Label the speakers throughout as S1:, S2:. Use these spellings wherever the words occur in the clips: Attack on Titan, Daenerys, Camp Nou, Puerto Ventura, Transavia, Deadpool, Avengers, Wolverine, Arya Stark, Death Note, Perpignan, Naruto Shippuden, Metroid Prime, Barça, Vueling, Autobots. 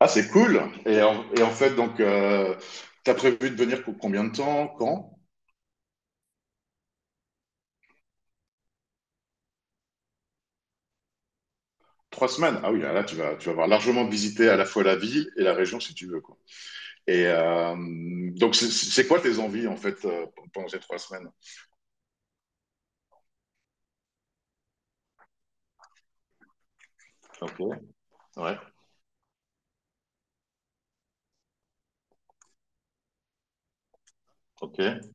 S1: Ah, c'est cool. Et en fait, donc, t'as prévu de venir pour combien de temps? Quand? 3 semaines. Ah oui, là, là, tu vas avoir largement visité à la fois la ville et la région si tu veux, quoi. Et donc, c'est quoi tes envies en fait pendant ces 3 semaines? Ok, ouais, ok,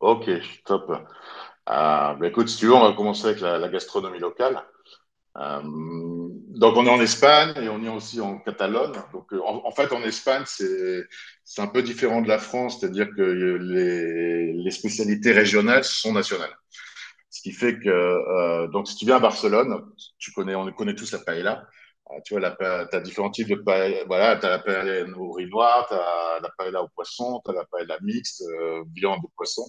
S1: ok, top. Ah, bah écoute, si tu veux, on va commencer avec la gastronomie locale. Donc on est en Espagne et on est aussi en Catalogne. Donc en fait en Espagne c'est un peu différent de la France, c'est-à-dire que les spécialités régionales sont nationales. Ce qui fait que donc si tu viens à Barcelone, tu connais on connaît tous la paella. Tu vois, t'as différents types de paella. Voilà, t'as la paella au riz noir, t'as la paella au poisson, t'as la paella mixte, viande au poisson.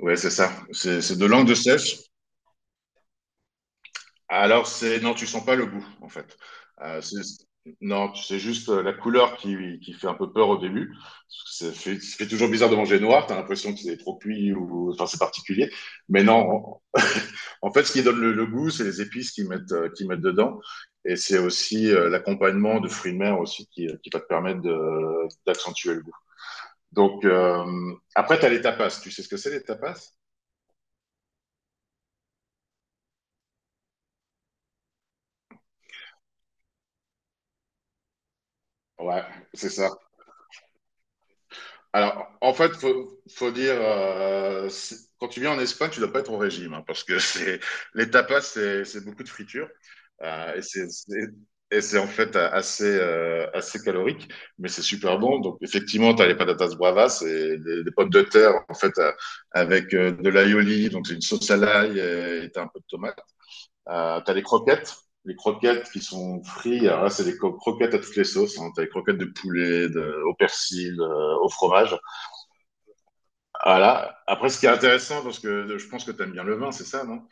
S1: Ouais, c'est ça. C'est de langue de sèche. Alors, c'est non, tu sens pas le goût, en fait. Euh, c'est- non, c'est juste la couleur qui fait un peu peur au début. Ça fait toujours bizarre de manger noir, tu as l'impression que c'est trop cuit ou enfin c'est particulier. Mais non, en fait, ce qui donne le goût, c'est les épices qu'ils mettent dedans. Et c'est aussi l'accompagnement de fruits de mer aussi qui va te permettre d'accentuer le goût. Donc, après, tu as les tapas. Tu sais ce que c'est les tapas? Ouais, c'est ça. Alors, en fait, faut dire, quand tu viens en Espagne, tu dois pas être au régime, hein, parce que c'est les tapas, c'est beaucoup de friture, et et c'est en fait assez calorique, mais c'est super bon. Donc, effectivement, tu as les patatas bravas, et des pommes de terre, en fait, avec de l'aioli, donc c'est une sauce à l'ail, et t'as un peu de tomate. T'as les croquettes. Les croquettes qui sont frites, alors là, c'est croquettes à toutes les sauces. Hein. T'as les croquettes de poulet, au persil, au fromage. Voilà. Après, ce qui est intéressant, parce que je pense que tu aimes bien le vin, c'est ça, non?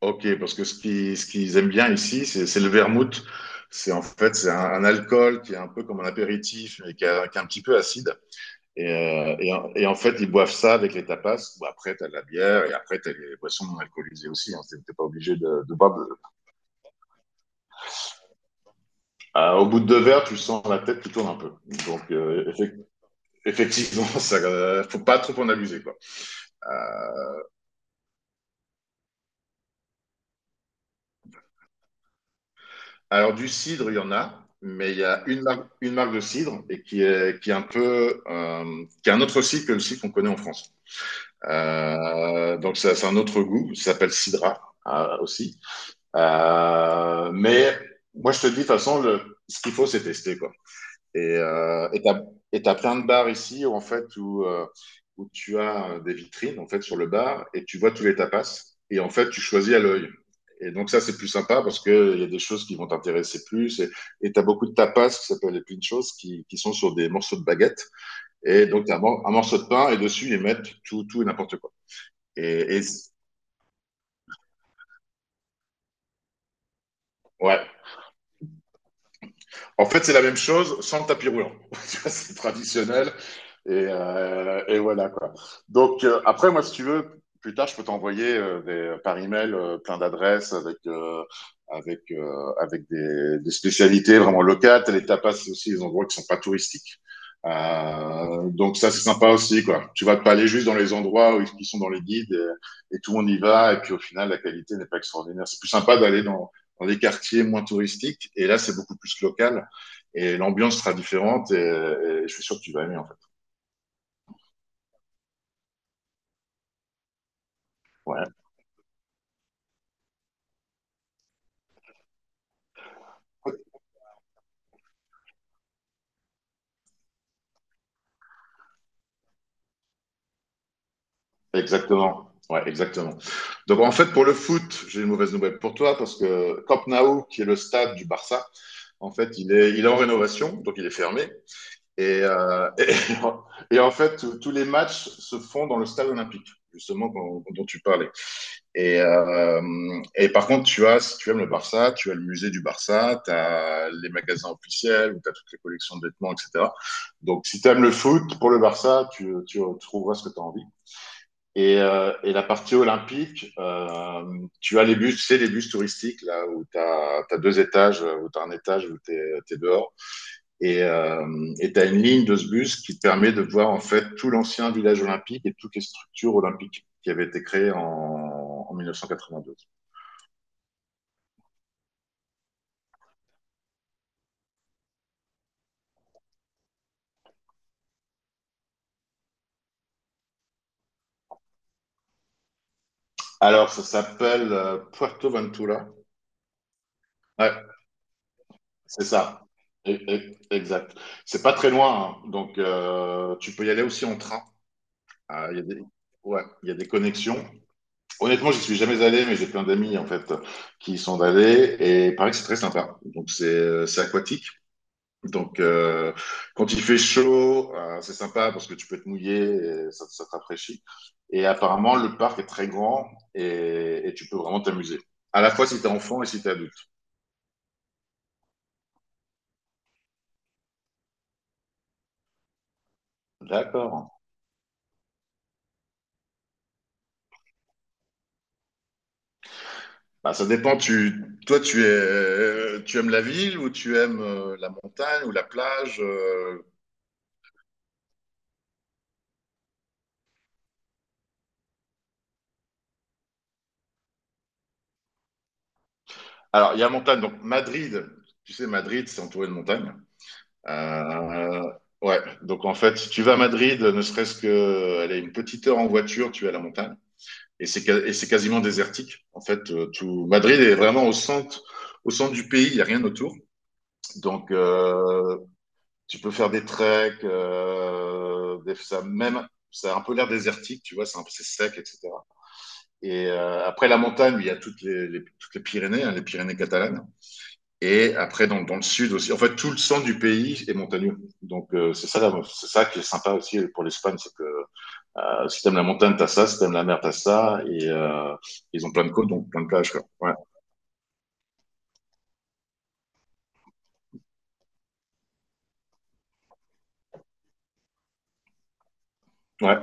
S1: Ok, parce que ce qu'ils aiment bien ici, c'est le vermouth. C'est en fait c'est un alcool qui est un peu comme un apéritif, mais qui est un petit peu acide. Et, et en fait, ils boivent ça avec les tapas. Bon, après, tu as la bière et après, tu as les boissons non alcoolisées aussi. Hein. T'es pas obligé de boire. Au bout de deux verres, tu sens la tête qui tourne un peu. Donc, effectivement, ça, faut pas trop en abuser, quoi. Alors, du cidre, il y en a, mais il y a une marque de cidre et qui est un peu, qui est un autre cidre que le cidre qu'on connaît en France. Donc, ça, c'est un autre goût, ça s'appelle Cidra aussi. Mais moi, je te dis, de toute façon, ce qu'il faut, c'est tester, quoi. Et et t'as plein de bars ici où, en fait, où tu as des vitrines, en fait, sur le bar et tu vois tous les tapas. Et en fait, tu choisis à l'œil. Et donc, ça, c'est plus sympa parce que il y a des choses qui vont t'intéresser plus. Et t'as beaucoup de tapas qui s'appellent les pinchos qui sont sur des morceaux de baguette. Et donc, t'as un morceau de pain et dessus, ils mettent tout et n'importe quoi. Et, et c- ouais. En fait, c'est la même chose sans le tapis roulant. Tu vois, c'est traditionnel. Et voilà quoi. Donc après, moi, si tu veux, plus tard, je peux t'envoyer par email plein d'adresses des spécialités vraiment locales. Les tapas c'est aussi, des endroits qui sont pas touristiques. Donc ça, c'est sympa aussi quoi. Tu vas pas aller juste dans les endroits où ils qui sont dans les guides et tout le monde y va et puis au final, la qualité n'est pas extraordinaire. C'est plus sympa d'aller dans les quartiers moins touristiques et là, c'est beaucoup plus local et l'ambiance sera différente et je suis sûr que tu vas aimer en fait. Ouais. Exactement. Ouais, exactement. Donc en fait, pour le foot, j'ai une mauvaise nouvelle pour toi parce que Camp Nou, qui est le stade du Barça, en fait, il est en rénovation, donc il est fermé. Et, euh, et en fait, tous les matchs se font dans le stade olympique, justement dont tu parlais. Et, euh, et par contre, tu as, si tu aimes le Barça, tu as le musée du Barça, tu as les magasins officiels, où tu as toutes les collections de vêtements, etc. Donc si tu aimes le foot, pour le Barça, tu trouveras ce que tu as envie. Et la partie olympique, tu as les bus, c'est sais, les bus touristiques, là, où tu as, deux étages, où tu as un étage où tu es, dehors. Et euh, Tu as une ligne de ce bus qui te permet de voir, en fait, tout l'ancien village olympique et toutes les structures olympiques qui avaient été créées en 1992. Alors, ça s'appelle Puerto Ventura. Ouais, c'est ça. Exact. C'est pas très loin, hein. Donc tu peux y aller aussi en train. Ah, il y a des... Ouais, il y a des connexions. Honnêtement, j'y suis jamais allé, mais j'ai plein d'amis en fait qui y sont allés et il paraît que c'est très sympa. Donc c'est aquatique. Donc quand il fait chaud, c'est sympa parce que tu peux te mouiller, et ça te rafraîchit. Et apparemment, le parc est très grand et tu peux vraiment t'amuser. À la fois si t'es enfant et si t'es adulte. D'accord. Bah, ça dépend. Toi, tu aimes la ville ou tu aimes la montagne ou la plage. Alors, il y a montagne. Donc Madrid, tu sais, Madrid, c'est entouré de montagnes. Euh, ouais, donc en fait, tu vas à Madrid, ne serait-ce que aller une petite heure en voiture, tu es à la montagne. Et c'est quasiment désertique. En fait, tout Madrid est vraiment au centre du pays, il n'y a rien autour. Donc, tu peux faire des treks, ça, même, ça a un peu l'air désertique, tu vois, c'est un peu c'est sec, etc. Après la montagne, il y a toutes toutes les Pyrénées, hein, les Pyrénées catalanes. Et après, dans le sud aussi. En fait, tout le centre du pays est montagneux. Donc, c'est ça qui est sympa aussi pour l'Espagne, c'est que si t'aimes la montagne, t'as ça. Si t'aimes la mer, t'as ça. Ils ont plein de côtes, donc plein de plages, quoi. Ouais, ouais,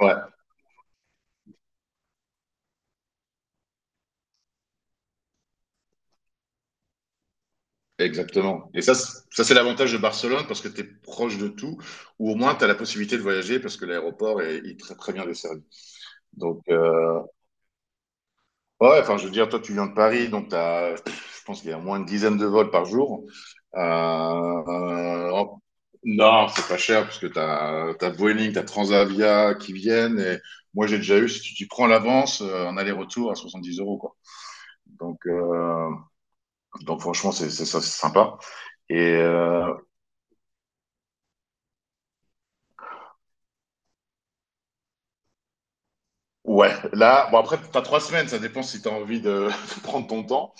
S1: ouais, exactement. Ça c'est l'avantage de Barcelone parce que t'es proche de tout, ou au moins t'as la possibilité de voyager parce que il est très très bien desservi. Donc, ouais, ouais, enfin, je veux dire, toi, tu viens de Paris, donc t'as, je pense qu'il y a moins une dizaine de vols par jour. Euh, euh, en- non, c'est pas cher, parce que t'as Vueling, t'as Transavia qui viennent, et moi, j'ai déjà eu, si tu prends l'avance, en aller-retour à 70 euros, quoi. Donc, euh, donc franchement, c'est ça, c'est sympa. Et euh, ouais, là, bon, après, t'as 3 semaines, ça dépend si t'as envie de prendre ton temps.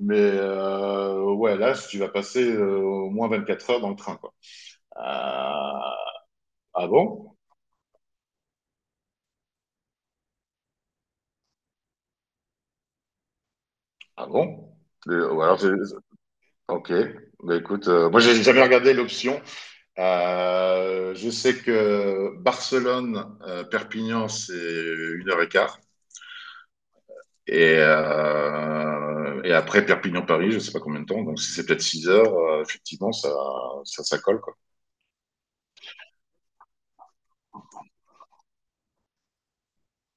S1: Ouais, là, si tu vas passer au moins 24 heures dans le train, quoi. Euh, Ah bon? Ah bon? Euh, ou alors, je- ok. Bah, écoute, moi, j'ai jamais regardé l'option. Je sais que Barcelone, Perpignan, c'est 1 heure et quart. Et après Perpignan-Paris, je sais pas combien de temps. Donc, si c'est peut-être 6 heures, effectivement, ça colle, quoi.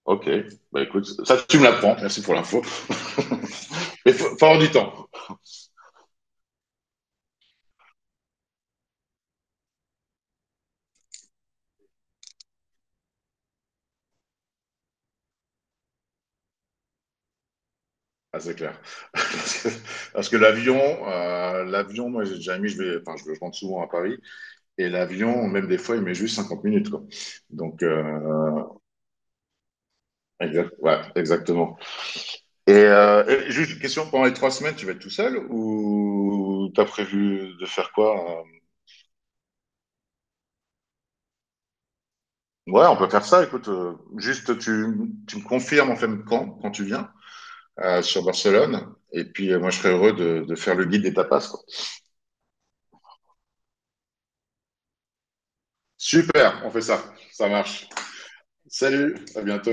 S1: Ok. Bah, écoute, ça, tu me l'apprends. Merci pour l'info. Mais faut avoir du temps. Ah, c'est clair. Parce que, Parce que l'avion, moi j'ai déjà mis, enfin, je rentre souvent à Paris, et l'avion, même des fois, il met juste 50 minutes, quoi. Donc, ouais, exactement. Et juste une question, pendant les 3 semaines, tu vas être tout seul ou t'as prévu de faire quoi? Ouais, on peut faire ça, écoute. Juste, tu me confirmes en fait quand tu viens sur Barcelone, et puis moi je serais heureux de faire le guide des tapas, quoi. Super, on fait ça. Ça marche. Salut, à bientôt.